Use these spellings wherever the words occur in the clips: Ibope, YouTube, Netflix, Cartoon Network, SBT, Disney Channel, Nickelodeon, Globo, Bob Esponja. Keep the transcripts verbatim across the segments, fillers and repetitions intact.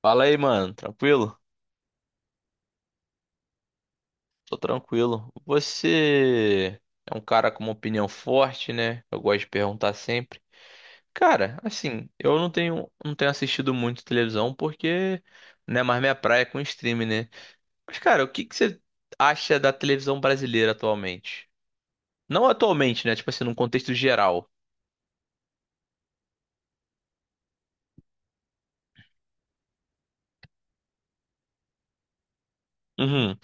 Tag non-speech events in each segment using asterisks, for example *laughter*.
Fala aí, mano. Tranquilo? Tô tranquilo. Você é um cara com uma opinião forte, né? Eu gosto de perguntar sempre. Cara, assim, eu não tenho, não tenho assistido muito televisão porque não é mais minha praia é com streaming, né? Mas, cara, o que que você acha da televisão brasileira atualmente? Não atualmente, né? Tipo assim, num contexto geral. Uhum.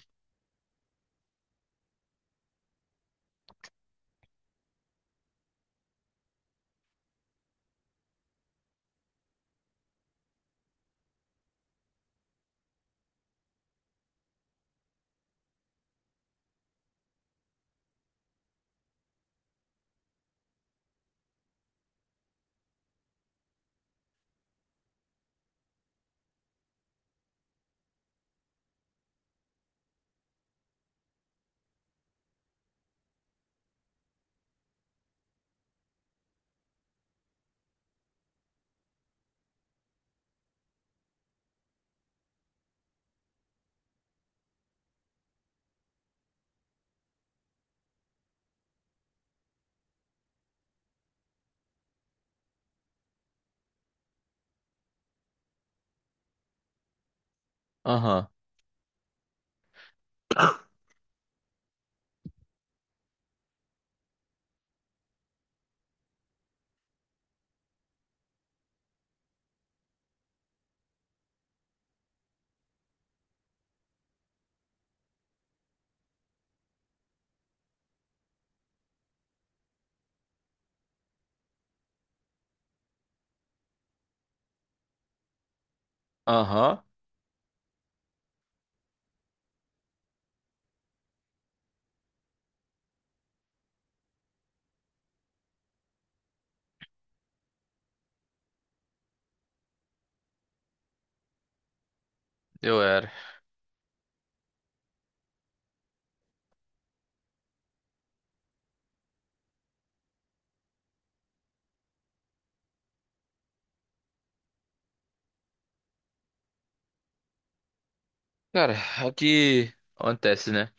Aham. Aham. Eu era. Cara, é o que acontece, né?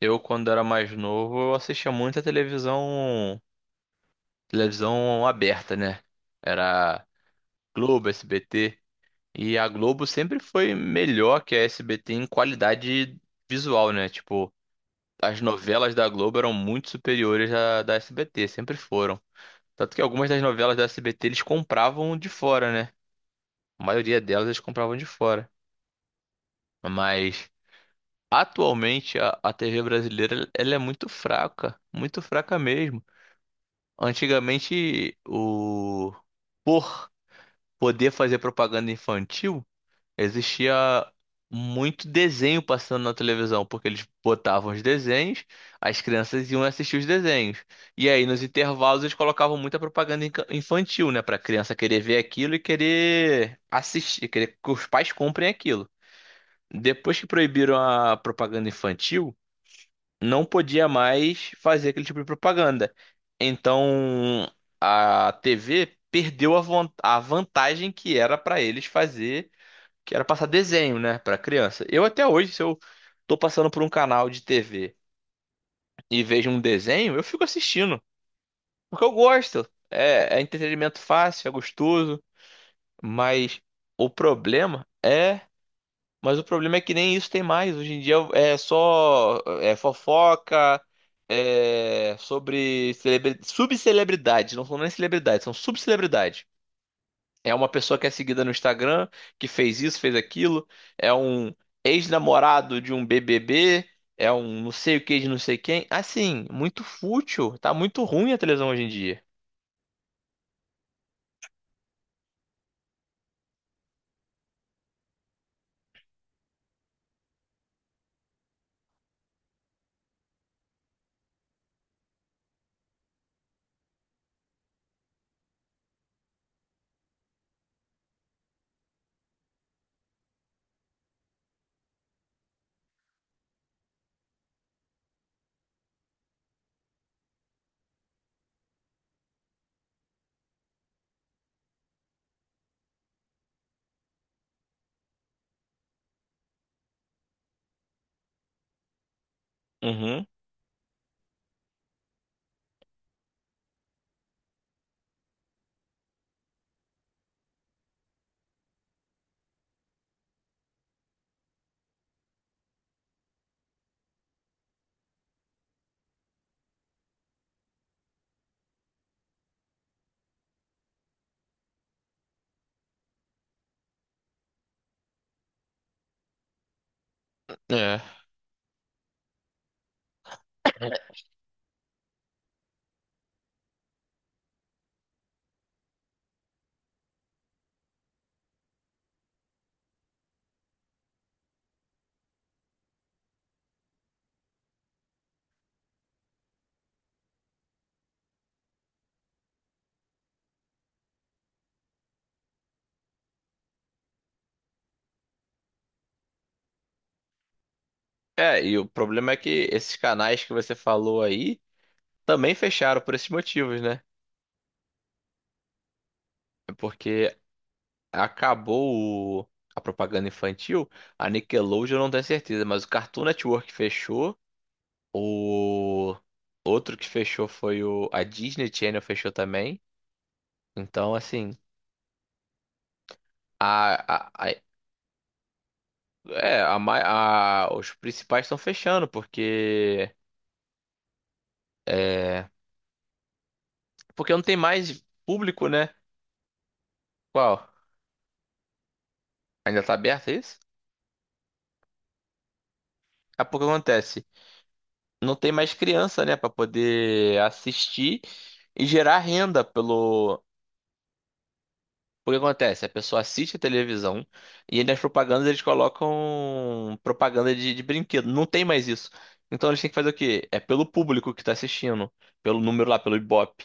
Eu, quando era mais novo, eu assistia muita televisão televisão aberta, né? Era Globo, S B T. E a Globo sempre foi melhor que a S B T em qualidade visual, né? Tipo, as novelas da Globo eram muito superiores à da S B T, sempre foram. Tanto que algumas das novelas da S B T eles compravam de fora, né? A maioria delas eles compravam de fora. Mas atualmente a, a T V brasileira ela é muito fraca, muito fraca mesmo. Antigamente o por poder fazer propaganda infantil, existia muito desenho passando na televisão, porque eles botavam os desenhos, as crianças iam assistir os desenhos. E aí, nos intervalos, eles colocavam muita propaganda inca- infantil, né? Pra criança querer ver aquilo e querer assistir, querer que os pais comprem aquilo. Depois que proibiram a propaganda infantil, não podia mais fazer aquele tipo de propaganda. Então a T V perdeu a, von- a vantagem que era para eles fazer, que era passar desenho, né, para criança. Eu até hoje, se eu tô passando por um canal de T V e vejo um desenho, eu fico assistindo, porque eu gosto. É, é entretenimento fácil, é gostoso, mas o problema é Mas o problema é que nem isso tem mais. Hoje em dia é só é fofoca, é sobre celebre... subcelebridades. Não são nem celebridades, são subcelebridades. É uma pessoa que é seguida no Instagram, que fez isso, fez aquilo. É um ex-namorado de um B B B. É um não sei o que de não sei quem. Assim, muito fútil. Tá muito ruim a televisão hoje em dia. Uhum. É. É, e o problema é que esses canais que você falou aí também fecharam por esses motivos, né? É porque acabou o- a propaganda infantil, a Nickelodeon eu não tenho certeza, mas o Cartoon Network fechou, o outro que fechou foi o a Disney Channel fechou também. Então, assim, a, a, a- é, a, mai- a- os principais estão fechando porque é, porque não tem mais público, né? Qual? Ainda tá aberto é isso? É porque acontece, não tem mais criança, né, para poder assistir e gerar renda pelo O que acontece? A pessoa assiste a televisão e aí nas propagandas eles colocam propaganda de, de brinquedo. Não tem mais isso. Então eles têm que fazer o quê? É pelo público que tá assistindo, pelo número lá, pelo Ibope.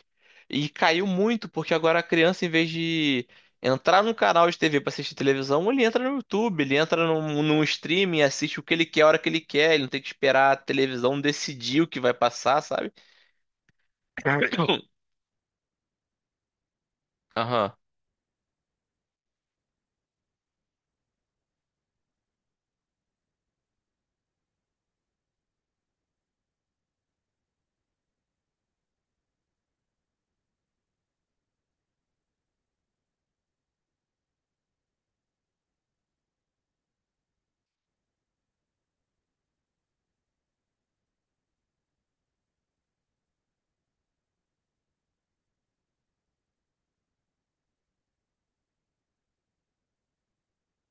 E caiu muito, porque agora a criança, em vez de entrar num canal de T V pra assistir televisão, ele entra no YouTube, ele entra num, num streaming, assiste o que ele quer, a hora que ele quer, ele não tem que esperar a televisão decidir o que vai passar, sabe? *coughs* Aham.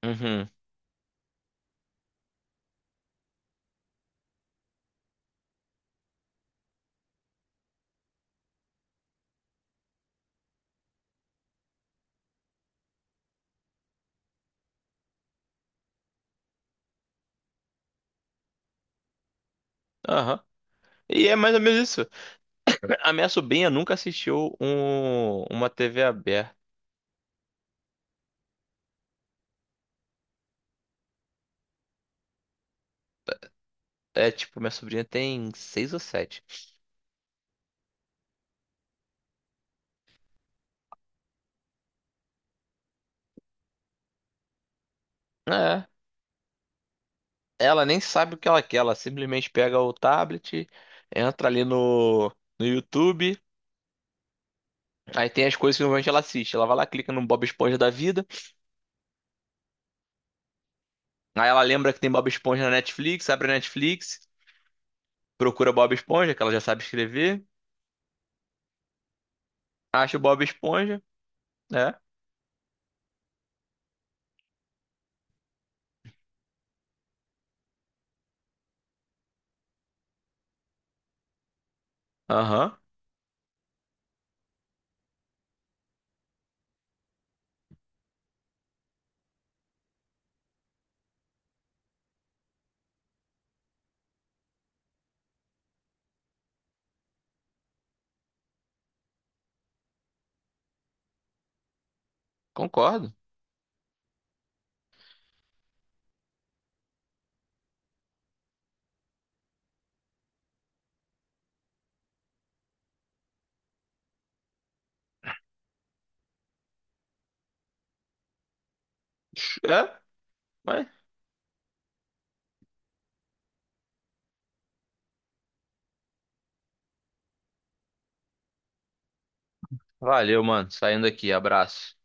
Uhum. Aham. E é mais ou menos isso. A minha sobrinha nunca assistiu um, uma T V aberta. É tipo, minha sobrinha tem seis ou sete. É. Ela nem sabe o que ela quer. Ela simplesmente pega o tablet, entra ali no, no YouTube. Aí tem as coisas que normalmente ela assiste. Ela vai lá, clica no Bob Esponja da vida. Aí ela lembra que tem Bob Esponja na Netflix, abre a Netflix, procura Bob Esponja, que ela já sabe escrever. Acha o Bob Esponja. É. Aham. Concordo. É. Mas... Valeu, mano. Saindo aqui. Abraço.